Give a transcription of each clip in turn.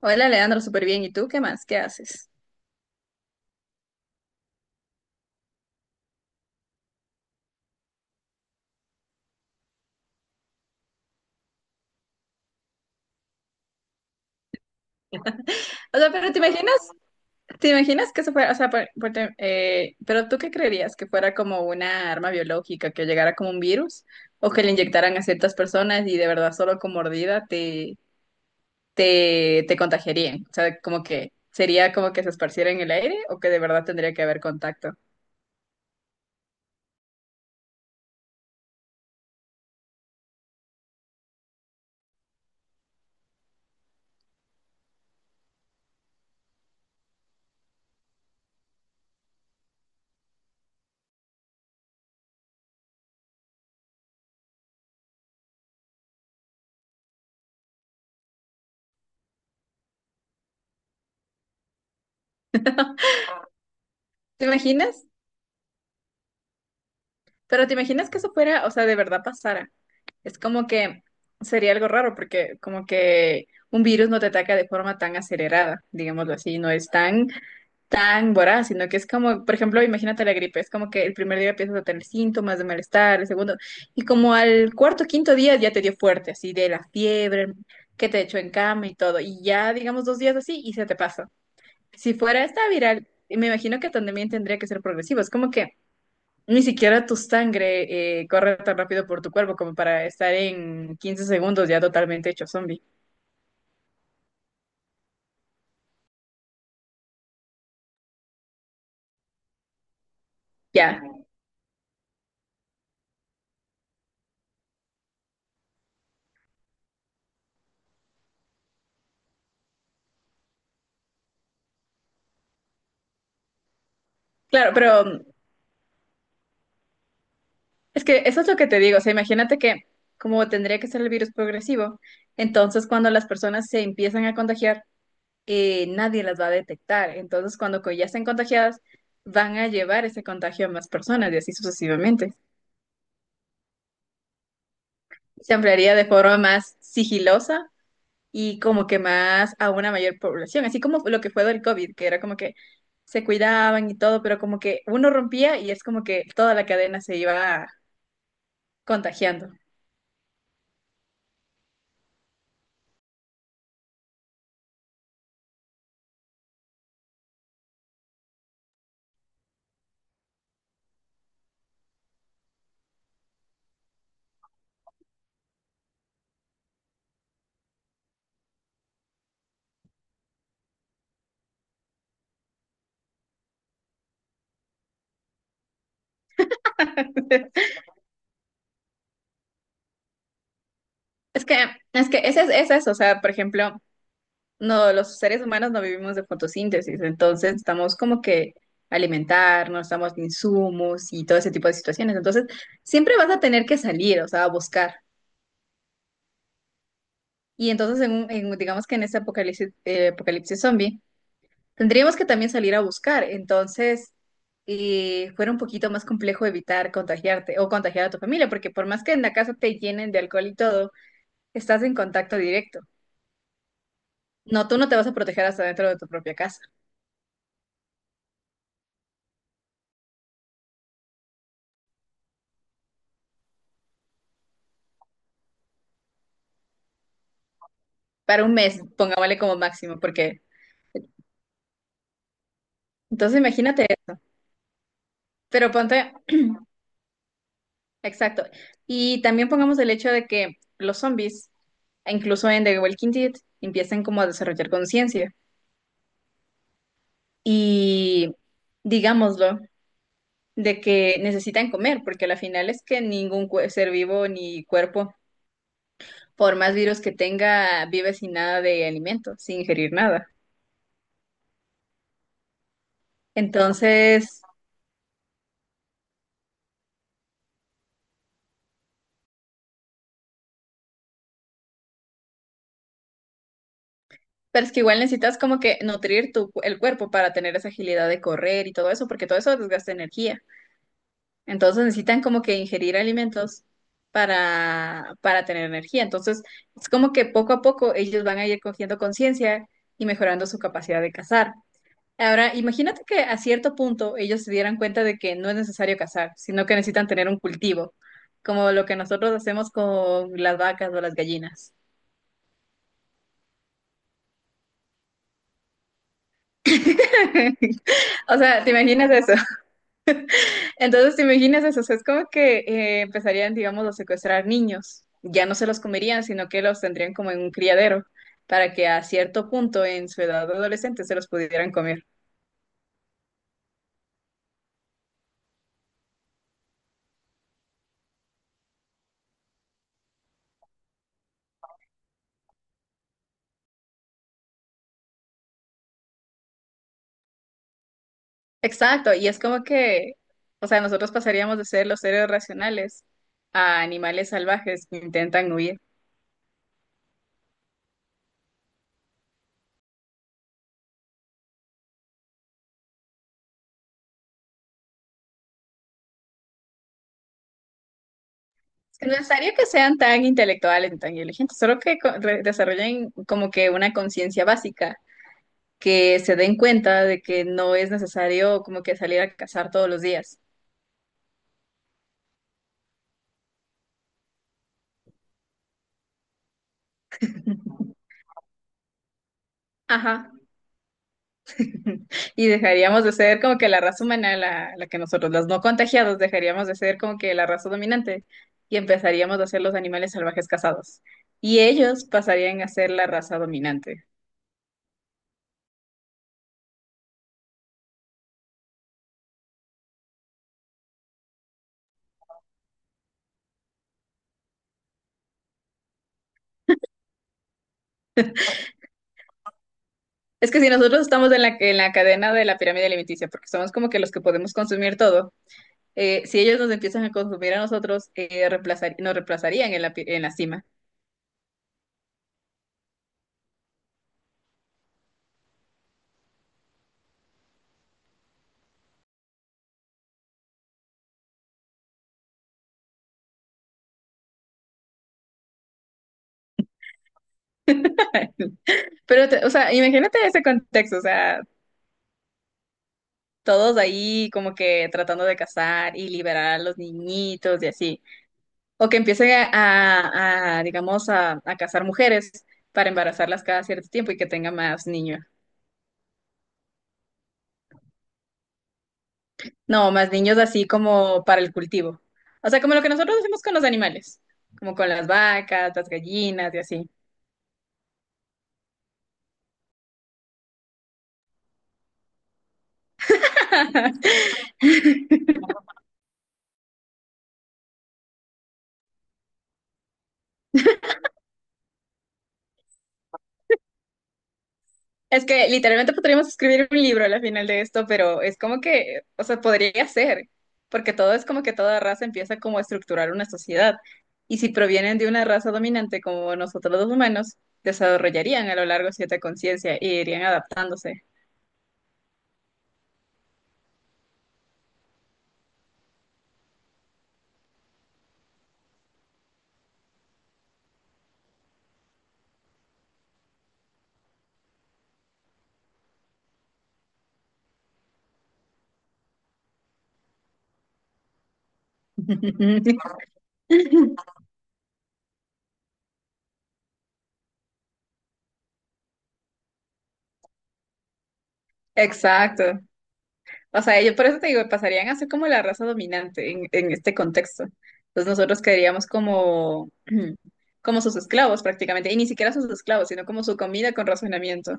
Hola, Leandro, súper bien. ¿Y tú qué más? ¿Qué haces? O sea, pero te imaginas que eso fuera, o sea, pero tú qué creerías? ¿Que fuera como una arma biológica, que llegara como un virus? ¿O que le inyectaran a ciertas personas y de verdad solo con mordida te, te contagiarían? O sea, como que sería como que se esparciera en el aire o que de verdad tendría que haber contacto. ¿Te imaginas? Pero ¿te imaginas que eso fuera, o sea, de verdad pasara? Es como que sería algo raro porque como que un virus no te ataca de forma tan acelerada, digámoslo así, no es tan, tan voraz, sino que es como, por ejemplo, imagínate la gripe, es como que el primer día empiezas a tener síntomas de malestar, el segundo, y como al cuarto, quinto día ya te dio fuerte, así de la fiebre, que te echó en cama y todo, y ya digamos dos días así y se te pasa. Si fuera esta viral, me imagino que también tendría que ser progresivo, es como que... Ni siquiera tu sangre corre tan rápido por tu cuerpo como para estar en 15 segundos ya totalmente hecho zombie. Ya, claro, pero es que eso es lo que te digo. O sea, imagínate que como tendría que ser el virus progresivo, entonces cuando las personas se empiezan a contagiar, nadie las va a detectar. Entonces ya estén contagiadas, van a llevar ese contagio a más personas y así sucesivamente. Se ampliaría de forma más sigilosa y como que más a una mayor población, así como lo que fue del COVID, que era como que se cuidaban y todo, pero como que uno rompía y es como que toda la cadena se iba contagiando. Es que, es que ese es eso, o sea, por ejemplo, no, los seres humanos no vivimos de fotosíntesis, entonces estamos como que alimentarnos, estamos de insumos y todo ese tipo de situaciones, entonces siempre vas a tener que salir, o sea, a buscar. Y entonces, digamos que en ese apocalipsis, apocalipsis zombie, tendríamos que también salir a buscar, entonces fuera un poquito más complejo evitar contagiarte o contagiar a tu familia, porque por más que en la casa te llenen de alcohol y todo, estás en contacto directo. No, tú no te vas a proteger hasta dentro de tu propia casa. Para un mes, pongámosle como máximo, porque entonces imagínate eso. Pero ponte, exacto. Y también pongamos el hecho de que los zombies, incluso en The Walking Dead, empiezan como a desarrollar conciencia. Y digámoslo, de que necesitan comer, porque la final es que ser vivo ni cuerpo, por más virus que tenga, vive sin nada de alimento, sin ingerir nada. Entonces, pero es que igual necesitas como que nutrir el cuerpo para tener esa agilidad de correr y todo eso, porque todo eso desgasta energía. Entonces necesitan como que ingerir alimentos para tener energía. Entonces, es como que poco a poco ellos van a ir cogiendo conciencia y mejorando su capacidad de cazar. Ahora, imagínate que a cierto punto ellos se dieran cuenta de que no es necesario cazar, sino que necesitan tener un cultivo, como lo que nosotros hacemos con las vacas o las gallinas. O sea, ¿te imaginas eso? Entonces, ¿te imaginas eso? O sea, es como que empezarían, digamos, a secuestrar niños. Ya no se los comerían, sino que los tendrían como en un criadero, para que a cierto punto en su edad adolescente se los pudieran comer. Exacto, y es como que, o sea, nosotros pasaríamos de ser los seres racionales a animales salvajes que intentan huir. Es que no es necesario que sean tan intelectuales ni tan inteligentes, solo que desarrollen como que una conciencia básica, que se den cuenta de que no es necesario como que salir a cazar todos los días. Ajá. Y dejaríamos de ser como que la raza humana, la que nosotros, los no contagiados, dejaríamos de ser como que la raza dominante y empezaríamos a ser los animales salvajes cazados. Y ellos pasarían a ser la raza dominante. Es que si nosotros estamos en la cadena de la pirámide alimenticia, porque somos como que los que podemos consumir todo, si ellos nos empiezan a consumir a nosotros, nos reemplazarían en la, en la cima. Pero, o sea, imagínate ese contexto, o sea, todos ahí como que tratando de cazar y liberar a los niñitos y así. O que empiecen a, digamos, a cazar mujeres para embarazarlas cada cierto tiempo y que tenga más niños. No, más niños así como para el cultivo. O sea, como lo que nosotros hacemos con los animales, como con las vacas, las gallinas y así. Es que literalmente podríamos escribir un libro al final de esto, pero es como que, o sea, podría ser, porque todo es como que toda raza empieza como a estructurar una sociedad. Y si provienen de una raza dominante como nosotros los humanos, desarrollarían a lo largo cierta conciencia y irían adaptándose. Exacto. O sea, yo por eso te digo, pasarían a ser como la raza dominante en este contexto. Entonces nosotros quedaríamos como, como sus esclavos prácticamente, y ni siquiera sus esclavos, sino como su comida con razonamiento.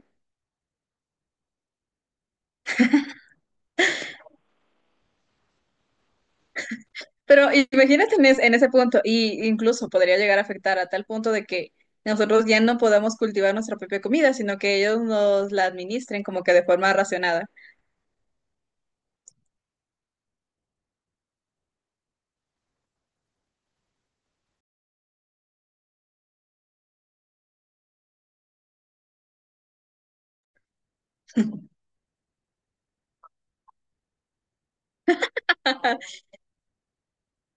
Pero imagínate en, en ese punto, y incluso podría llegar a afectar a tal punto de que nosotros ya no podamos cultivar nuestra propia comida, sino que ellos nos la administren como que de forma racionada.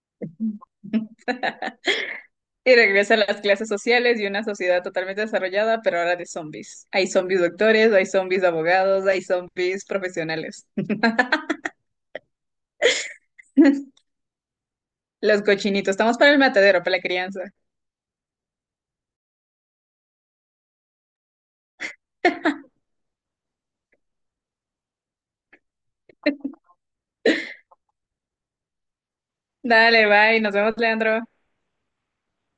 Y regresa a las clases sociales y una sociedad totalmente desarrollada, pero ahora de zombies. Hay zombies doctores, hay zombies abogados, hay zombies profesionales. Los cochinitos, estamos para el matadero, para la crianza. Dale, bye, nos vemos, Leandro.